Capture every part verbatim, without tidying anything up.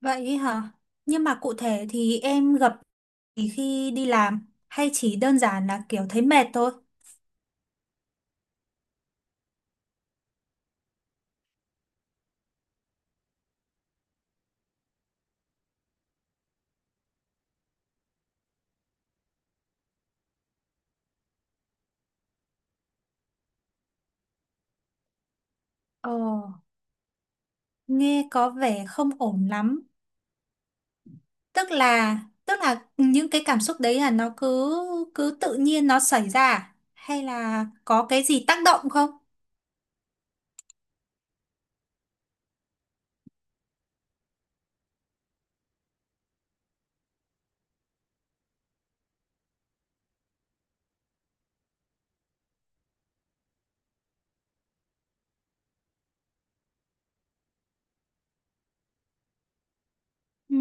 Vậy hả? Nhưng mà cụ thể thì em gặp thì khi đi làm hay chỉ đơn giản là kiểu thấy mệt thôi? Ờ, Nghe có vẻ không ổn lắm. Tức là tức là những cái cảm xúc đấy là nó cứ cứ tự nhiên nó xảy ra à? Hay là có cái gì tác động không? Ừ.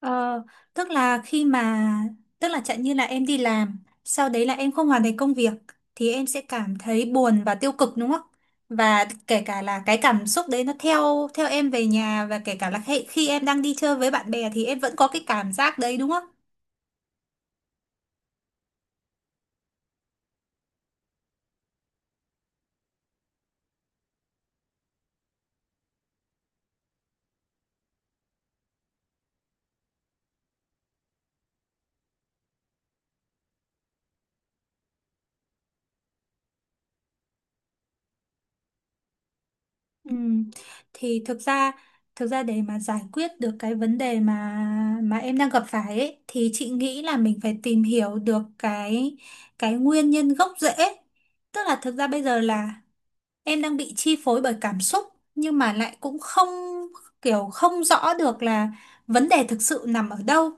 Ờ, tức là khi mà Tức là chẳng như là em đi làm, sau đấy là em không hoàn thành công việc thì em sẽ cảm thấy buồn và tiêu cực đúng không? Và kể cả là cái cảm xúc đấy nó theo theo em về nhà và kể cả là khi, khi em đang đi chơi với bạn bè thì em vẫn có cái cảm giác đấy đúng không? Ừ. Thì thực ra thực ra để mà giải quyết được cái vấn đề mà mà em đang gặp phải ấy, thì chị nghĩ là mình phải tìm hiểu được cái cái nguyên nhân gốc rễ. Tức là thực ra bây giờ là em đang bị chi phối bởi cảm xúc, nhưng mà lại cũng không, kiểu không rõ được là vấn đề thực sự nằm ở đâu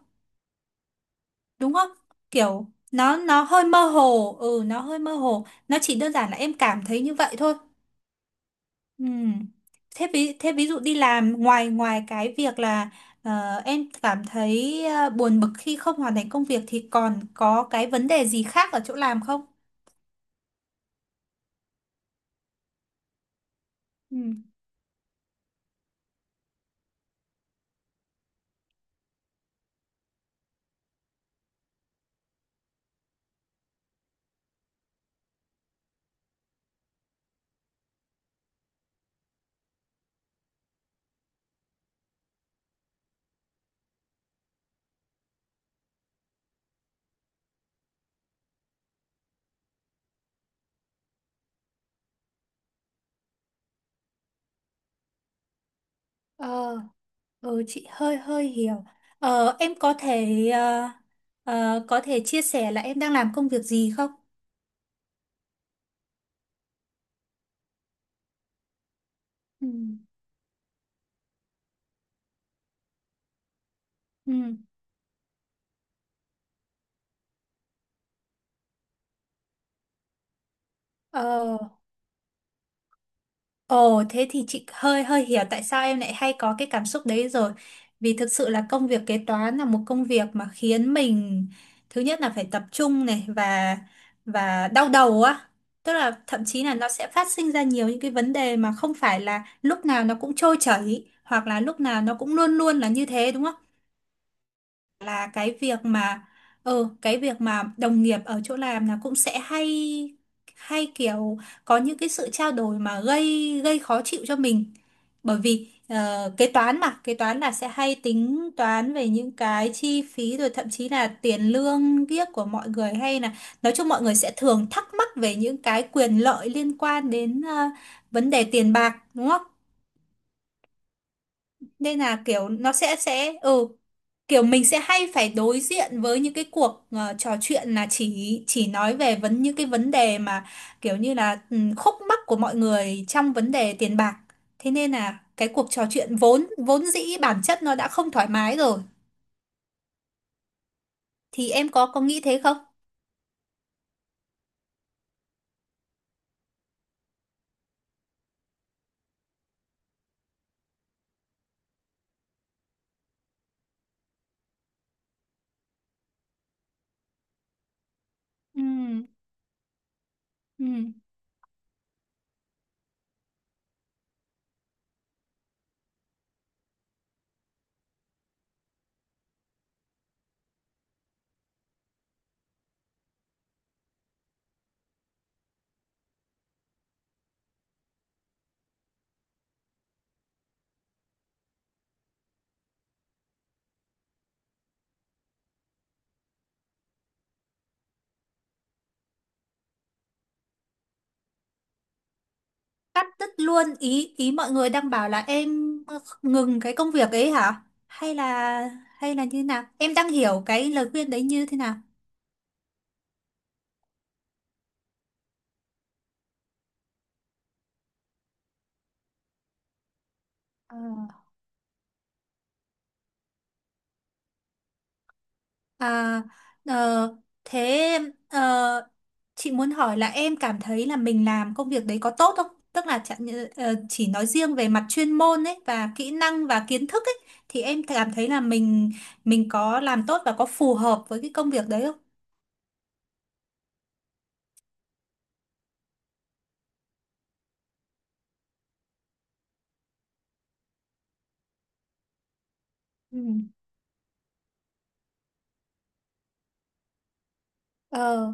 đúng không, kiểu nó nó hơi mơ hồ. Ừ, nó hơi mơ hồ, nó chỉ đơn giản là em cảm thấy như vậy thôi. Ừ. Thế ví thế ví dụ đi làm, ngoài ngoài cái việc là ờ, em cảm thấy ờ, buồn bực khi không hoàn thành công việc thì còn có cái vấn đề gì khác ở chỗ làm không? Ừ. Ờ. Ừ, chị hơi hơi hiểu. Ờ, em có thể ờ, ờ, có thể chia sẻ là em đang làm công việc gì không? Ừ. Ừ. Ờ, Ồ, thế thì chị hơi hơi hiểu tại sao em lại hay có cái cảm xúc đấy rồi. Vì thực sự là công việc kế toán là một công việc mà khiến mình, thứ nhất là phải tập trung này, và và đau đầu á. Tức là thậm chí là nó sẽ phát sinh ra nhiều những cái vấn đề mà không phải là lúc nào nó cũng trôi chảy, hoặc là lúc nào nó cũng luôn luôn là như thế đúng không? Là cái việc mà ừ Cái việc mà đồng nghiệp ở chỗ làm là cũng sẽ hay hay kiểu có những cái sự trao đổi mà gây gây khó chịu cho mình, bởi vì ờ, kế toán mà kế toán là sẽ hay tính toán về những cái chi phí, rồi thậm chí là tiền lương kiếc của mọi người, hay là nói chung mọi người sẽ thường thắc mắc về những cái quyền lợi liên quan đến ờ, vấn đề tiền bạc đúng không? Nên là kiểu nó sẽ sẽ ừ kiểu mình sẽ hay phải đối diện với những cái cuộc ờ, trò chuyện là chỉ chỉ nói về vấn những cái vấn đề mà kiểu như là ừ, khúc mắc của mọi người trong vấn đề tiền bạc. Thế nên là cái cuộc trò chuyện vốn vốn dĩ bản chất nó đã không thoải mái rồi. Thì em có có nghĩ thế không? Ừ, ừ. Cắt đứt luôn, ý ý mọi người đang bảo là em ngừng cái công việc ấy hả? Hay là hay là như nào? Em đang hiểu cái lời khuyên đấy như thế nào? À, ờ, thế ờ, chị muốn hỏi là em cảm thấy là mình làm công việc đấy có tốt không? Tức là chẳng như- ờ, chỉ nói riêng về mặt chuyên môn ấy và kỹ năng và kiến thức ấy, thì em cảm thấy là mình mình có làm tốt và có phù hợp với cái công việc đấy không? Ừ. Ờ,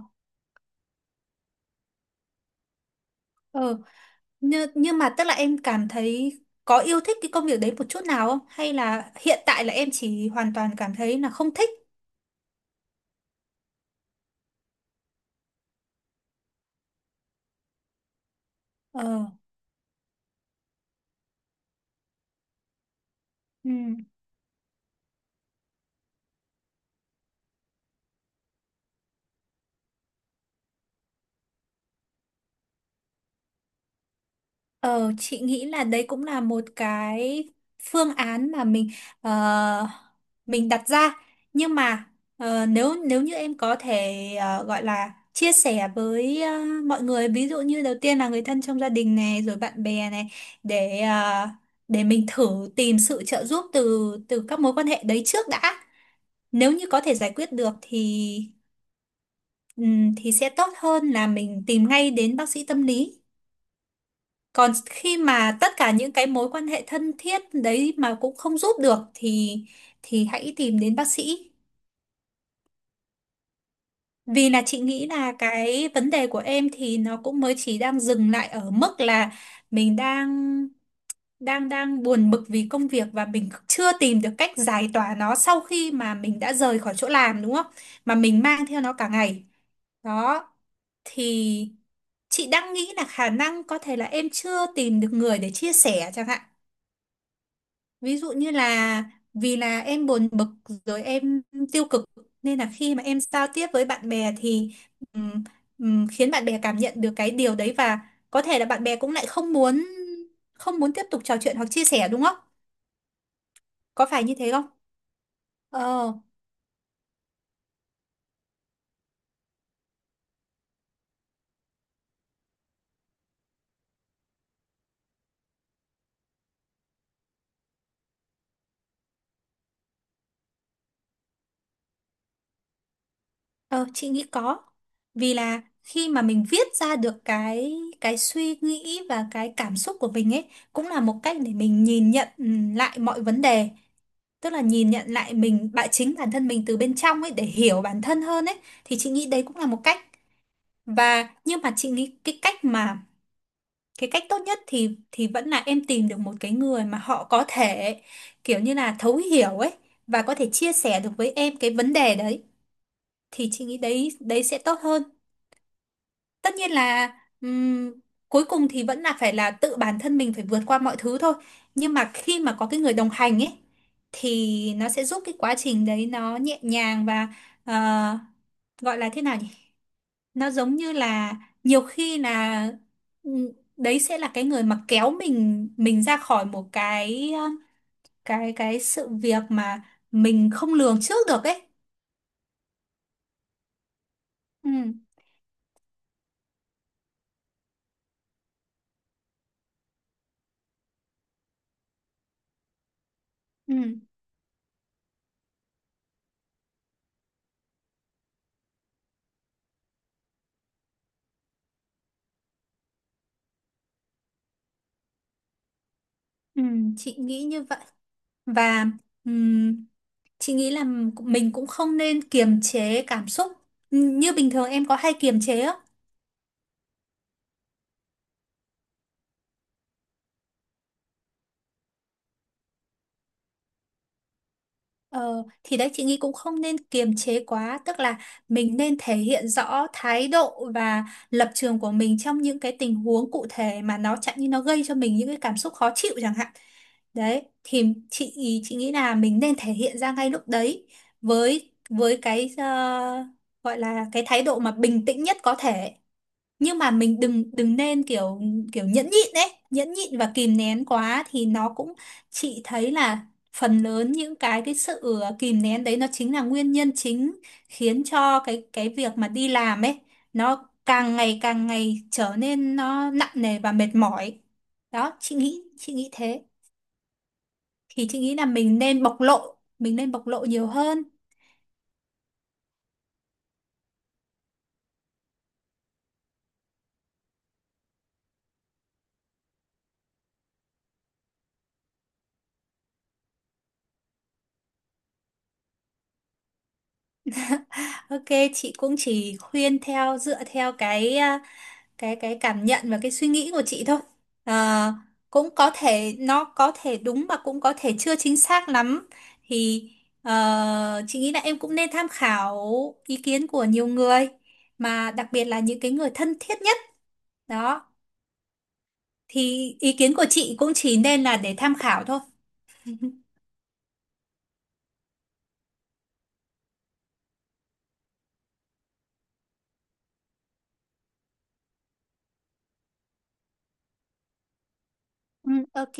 ờ, nhưng, nhưng mà tức là em cảm thấy có yêu thích cái công việc đấy một chút nào không? Hay là hiện tại là em chỉ hoàn toàn cảm thấy là không thích? Ờ. Ừ. Ờ, chị nghĩ là đấy cũng là một cái phương án mà mình ờ, mình đặt ra, nhưng mà ờ, nếu nếu như em có thể ờ, gọi là chia sẻ với ờ, mọi người, ví dụ như đầu tiên là người thân trong gia đình này, rồi bạn bè này, để ờ, để mình thử tìm sự trợ giúp từ từ các mối quan hệ đấy trước đã. Nếu như có thể giải quyết được thì ừm, thì sẽ tốt hơn là mình tìm ngay đến bác sĩ tâm lý. Còn khi mà tất cả những cái mối quan hệ thân thiết đấy mà cũng không giúp được thì thì hãy tìm đến bác sĩ. Vì là chị nghĩ là cái vấn đề của em thì nó cũng mới chỉ đang dừng lại ở mức là mình đang đang đang buồn bực vì công việc và mình chưa tìm được cách giải tỏa nó sau khi mà mình đã rời khỏi chỗ làm đúng không? Mà mình mang theo nó cả ngày. Đó, thì chị đang nghĩ là khả năng có thể là em chưa tìm được người để chia sẻ chẳng hạn. Ví dụ như là vì là em buồn bực rồi em tiêu cực, nên là khi mà em giao tiếp với bạn bè thì ừm, ừm, khiến bạn bè cảm nhận được cái điều đấy, và có thể là bạn bè cũng lại không muốn không muốn tiếp tục trò chuyện hoặc chia sẻ đúng không? Có phải như thế không? Ờ, ờ chị nghĩ có. Vì là khi mà mình viết ra được cái cái suy nghĩ và cái cảm xúc của mình ấy, cũng là một cách để mình nhìn nhận ừm, lại mọi vấn đề, tức là nhìn nhận lại mình bạn chính bản thân mình từ bên trong ấy để hiểu bản thân hơn ấy, thì chị nghĩ đấy cũng là một cách. Và nhưng mà chị nghĩ cái cách mà cái cách tốt nhất thì thì vẫn là em tìm được một cái người mà họ có thể kiểu như là thấu hiểu ấy, và có thể chia sẻ được với em cái vấn đề đấy, thì chị nghĩ đấy đấy sẽ tốt hơn. Tất nhiên là ừm, cuối cùng thì vẫn là phải là tự bản thân mình phải vượt qua mọi thứ thôi, nhưng mà khi mà có cái người đồng hành ấy thì nó sẽ giúp cái quá trình đấy nó nhẹ nhàng, và ờ, gọi là thế nào nhỉ, nó giống như là nhiều khi là ừm, đấy sẽ là cái người mà kéo mình mình ra khỏi một cái ờ, cái cái sự việc mà mình không lường trước được ấy. Ừ. Ừ. Ừ, chị nghĩ như vậy. Và chị nghĩ là mình cũng không nên kiềm chế cảm xúc. N- Như bình thường em có hay kiềm chế á. Ờ, thì đấy chị nghĩ cũng không nên kiềm chế quá, tức là mình nên thể hiện rõ thái độ và lập trường của mình trong những cái tình huống cụ thể mà nó chẳng như nó gây cho mình những cái cảm xúc khó chịu chẳng hạn. Đấy, thì chị chị nghĩ là mình nên thể hiện ra ngay lúc đấy với với cái ờ, gọi là cái thái độ mà bình tĩnh nhất có thể. Nhưng mà mình đừng đừng nên kiểu kiểu nhẫn nhịn đấy nhẫn nhịn và kìm nén quá thì nó cũng, chị thấy là phần lớn những cái cái sự ờ, kìm nén đấy nó chính là nguyên nhân chính, khiến cho cái cái việc mà đi làm ấy nó càng ngày càng ngày trở nên nó nặng nề và mệt mỏi. Đó, chị nghĩ chị nghĩ thế. Thì chị nghĩ là mình nên bộc lộ mình nên bộc lộ nhiều hơn. Ok, chị cũng chỉ khuyên theo dựa theo cái à, cái cái cảm nhận và cái suy nghĩ của chị thôi. Ờ, Cũng có thể nó có thể đúng và cũng có thể chưa chính xác lắm, thì ờ, chị nghĩ là em cũng nên tham khảo ý kiến của nhiều người, mà đặc biệt là những cái người thân thiết nhất. Đó, thì ý kiến của chị cũng chỉ nên là để tham khảo thôi. Ừ, ok.